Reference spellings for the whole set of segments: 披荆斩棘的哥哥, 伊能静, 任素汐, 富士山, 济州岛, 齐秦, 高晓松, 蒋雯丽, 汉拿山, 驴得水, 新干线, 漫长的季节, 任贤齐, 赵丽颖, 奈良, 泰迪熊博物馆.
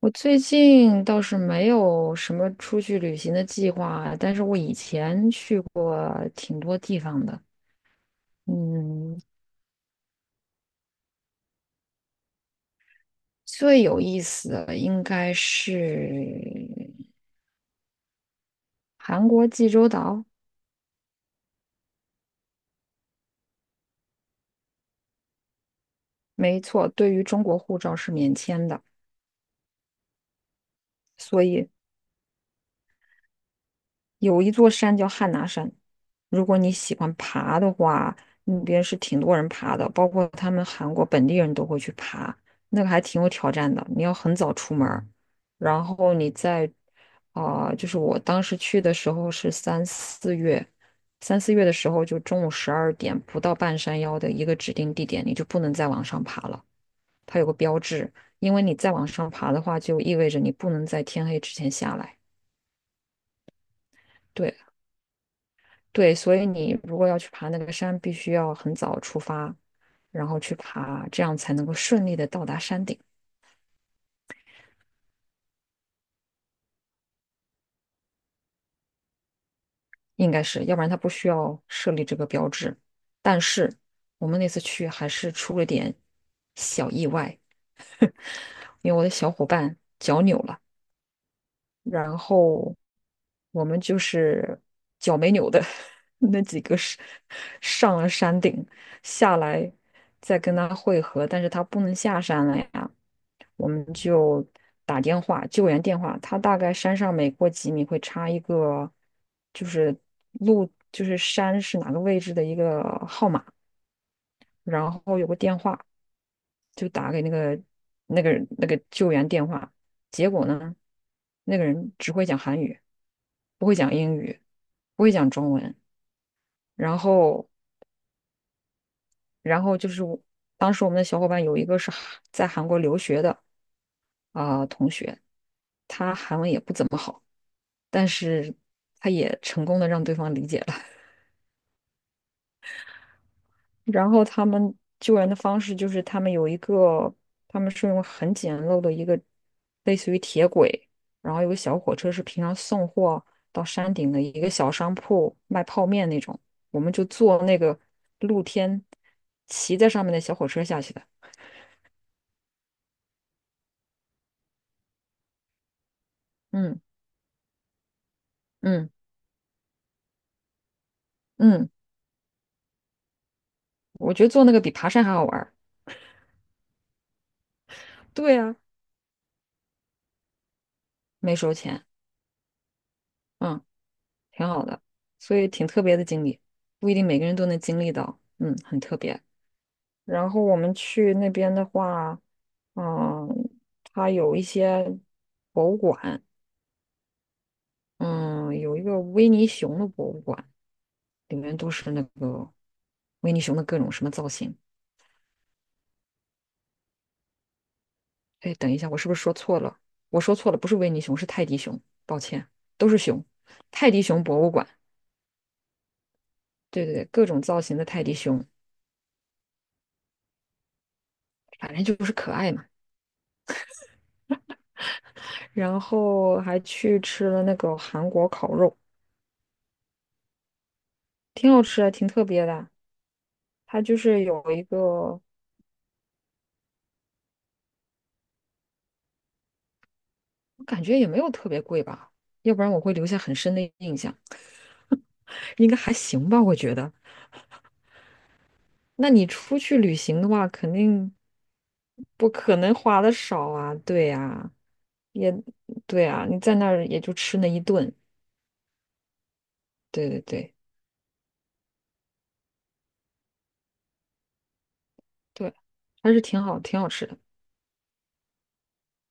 我最近倒是没有什么出去旅行的计划啊，但是我以前去过挺多地方的。嗯，最有意思的应该是韩国济州岛。没错，对于中国护照是免签的。所以有一座山叫汉拿山，如果你喜欢爬的话，那边是挺多人爬的，包括他们韩国本地人都会去爬，那个还挺有挑战的。你要很早出门儿，然后你在就是，我当时去的时候是三四月，三四月的时候就中午12点不到半山腰的一个指定地点，你就不能再往上爬了，它有个标志，因为你再往上爬的话，就意味着你不能在天黑之前下来。对。对，所以你如果要去爬那个山，必须要很早出发，然后去爬，这样才能够顺利的到达山顶。应该是，要不然他不需要设立这个标志。但是我们那次去还是出了点小意外，因为我的小伙伴脚扭了。然后我们就是脚没扭的 那几个是上了山顶，下来再跟他会合，但是他不能下山了呀。我们就打电话，救援电话。他大概山上每过几米会插一个，就是路，就是山是哪个位置的一个号码，然后有个电话，就打给那个那个救援电话。结果呢，那个人只会讲韩语，不会讲英语，不会讲中文。然后，然后就是我当时我们的小伙伴有一个是在韩国留学的同学。他韩文也不怎么好，但是他也成功的让对方理解了。然后他们救援的方式就是他们有一个，他们是用很简陋的一个类似于铁轨，然后有个小火车是平常送货到山顶的一个小商铺卖泡面那种，我们就坐那个露天骑在上面的小火车下去的。嗯嗯嗯，我觉得坐那个比爬山还好玩儿。对啊，没收钱。嗯。挺好的，所以挺特别的经历，不一定每个人都能经历到，嗯，很特别。然后我们去那边的话，嗯，它有一些博物馆，嗯，有一个维尼熊的博物馆，里面都是那个维尼熊的各种什么造型。哎，等一下，我是不是说错了？我说错了，不是维尼熊，是泰迪熊，抱歉，都是熊。泰迪熊博物馆，对对对，各种造型的泰迪熊，反正就是可爱嘛。然后还去吃了那个韩国烤肉，挺好吃的，挺特别的。它就是有一个，我感觉也没有特别贵吧，要不然我会留下很深的印象。应该还行吧，我觉得。那你出去旅行的话，肯定不可能花的少啊，对呀，对呀，你在那儿也就吃那一顿，对对对对，还是挺好，挺好吃的，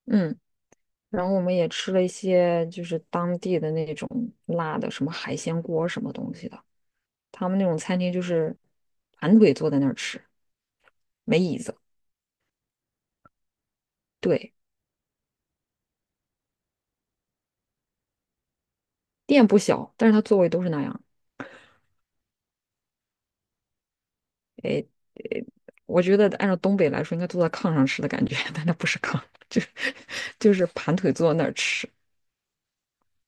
嗯。然后我们也吃了一些就是当地的那种辣的，什么海鲜锅什么东西的。他们那种餐厅就是盘腿坐在那儿吃，没椅子。对，店不小，但是它座位都是那样。我觉得按照东北来说，应该坐在炕上吃的感觉，但那不是炕，就是就是盘腿坐在那儿吃。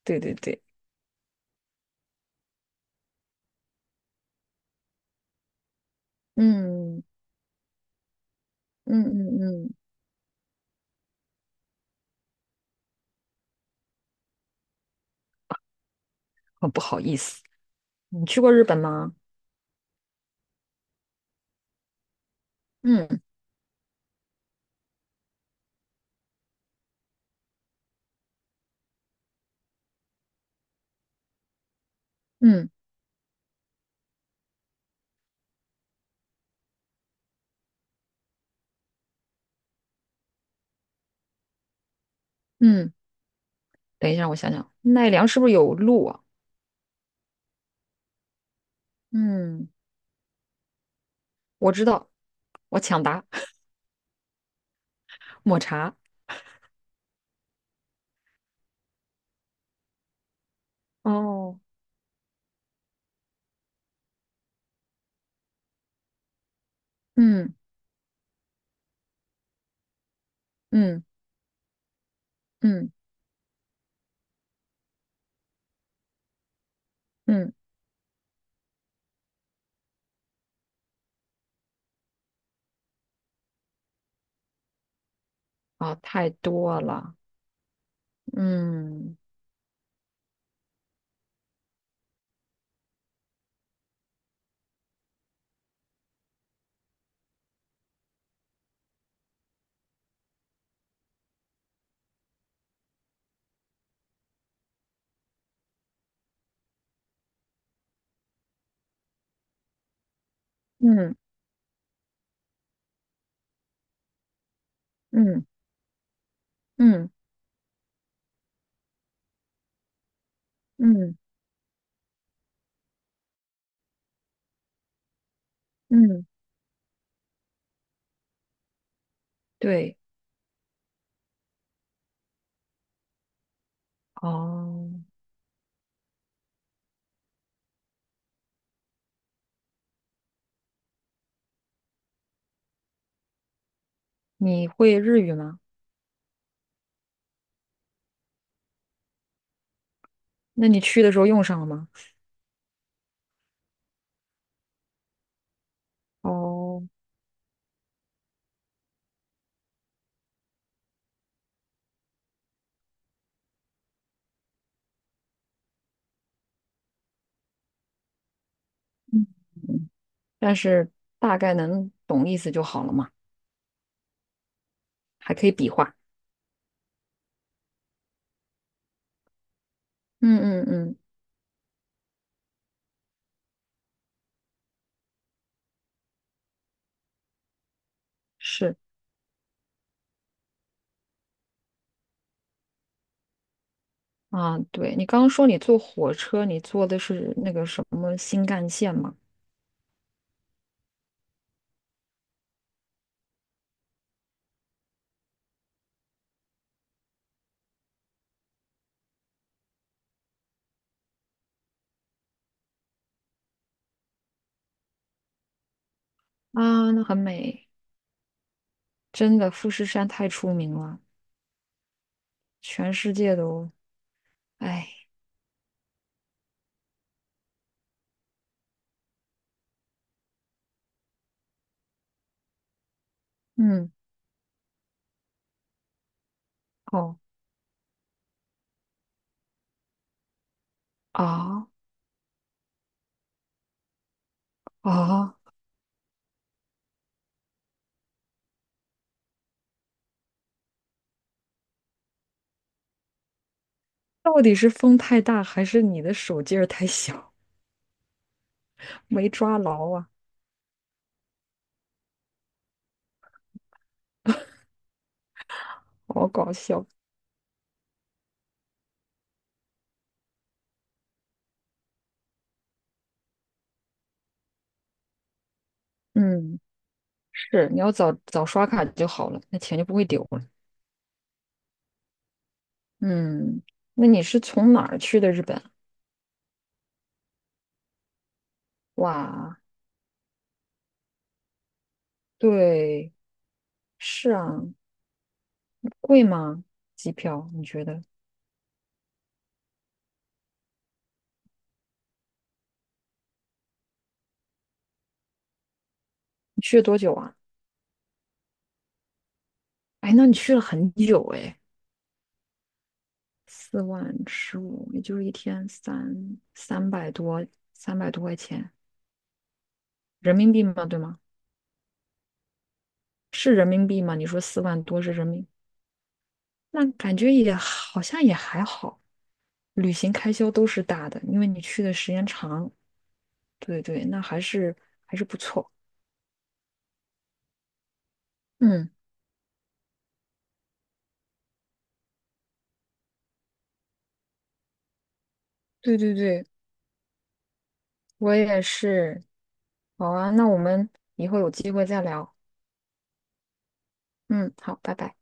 对对对，嗯嗯嗯嗯，很不好意思。你去过日本吗？嗯嗯嗯，等一下，我想想，奈良是不是有鹿啊？嗯，我知道，我抢答抹茶。哦，嗯嗯嗯嗯。啊，太多了，嗯嗯嗯嗯嗯嗯，对，哦，你会日语吗？那你去的时候用上了吗？哦，嗯，嗯，但是大概能懂意思就好了嘛，还可以比划。嗯嗯嗯，是啊，对，你刚刚说你坐火车，你坐的是那个什么新干线嘛？啊，那很美，真的，富士山太出名了，全世界都，哎，嗯。哦。啊，啊！到底是风太大，还是你的手劲儿太小，没抓牢啊？好搞笑。嗯，是，你要早早刷卡就好了，那钱就不会丢了。嗯，那你是从哪儿去的日本？哇，对，是啊，贵吗？机票？你觉得？你去了多久啊？哎，那你去了很久哎，4万15，也就是一天三百多，三百多块钱人民币吗？对吗？是人民币吗？你说4万多是人民，那感觉也好像也还好，旅行开销都是大的，因为你去的时间长。对对，那还是不错。嗯，对对对，我也是。好啊，那我们以后有机会再聊。嗯，好，拜拜。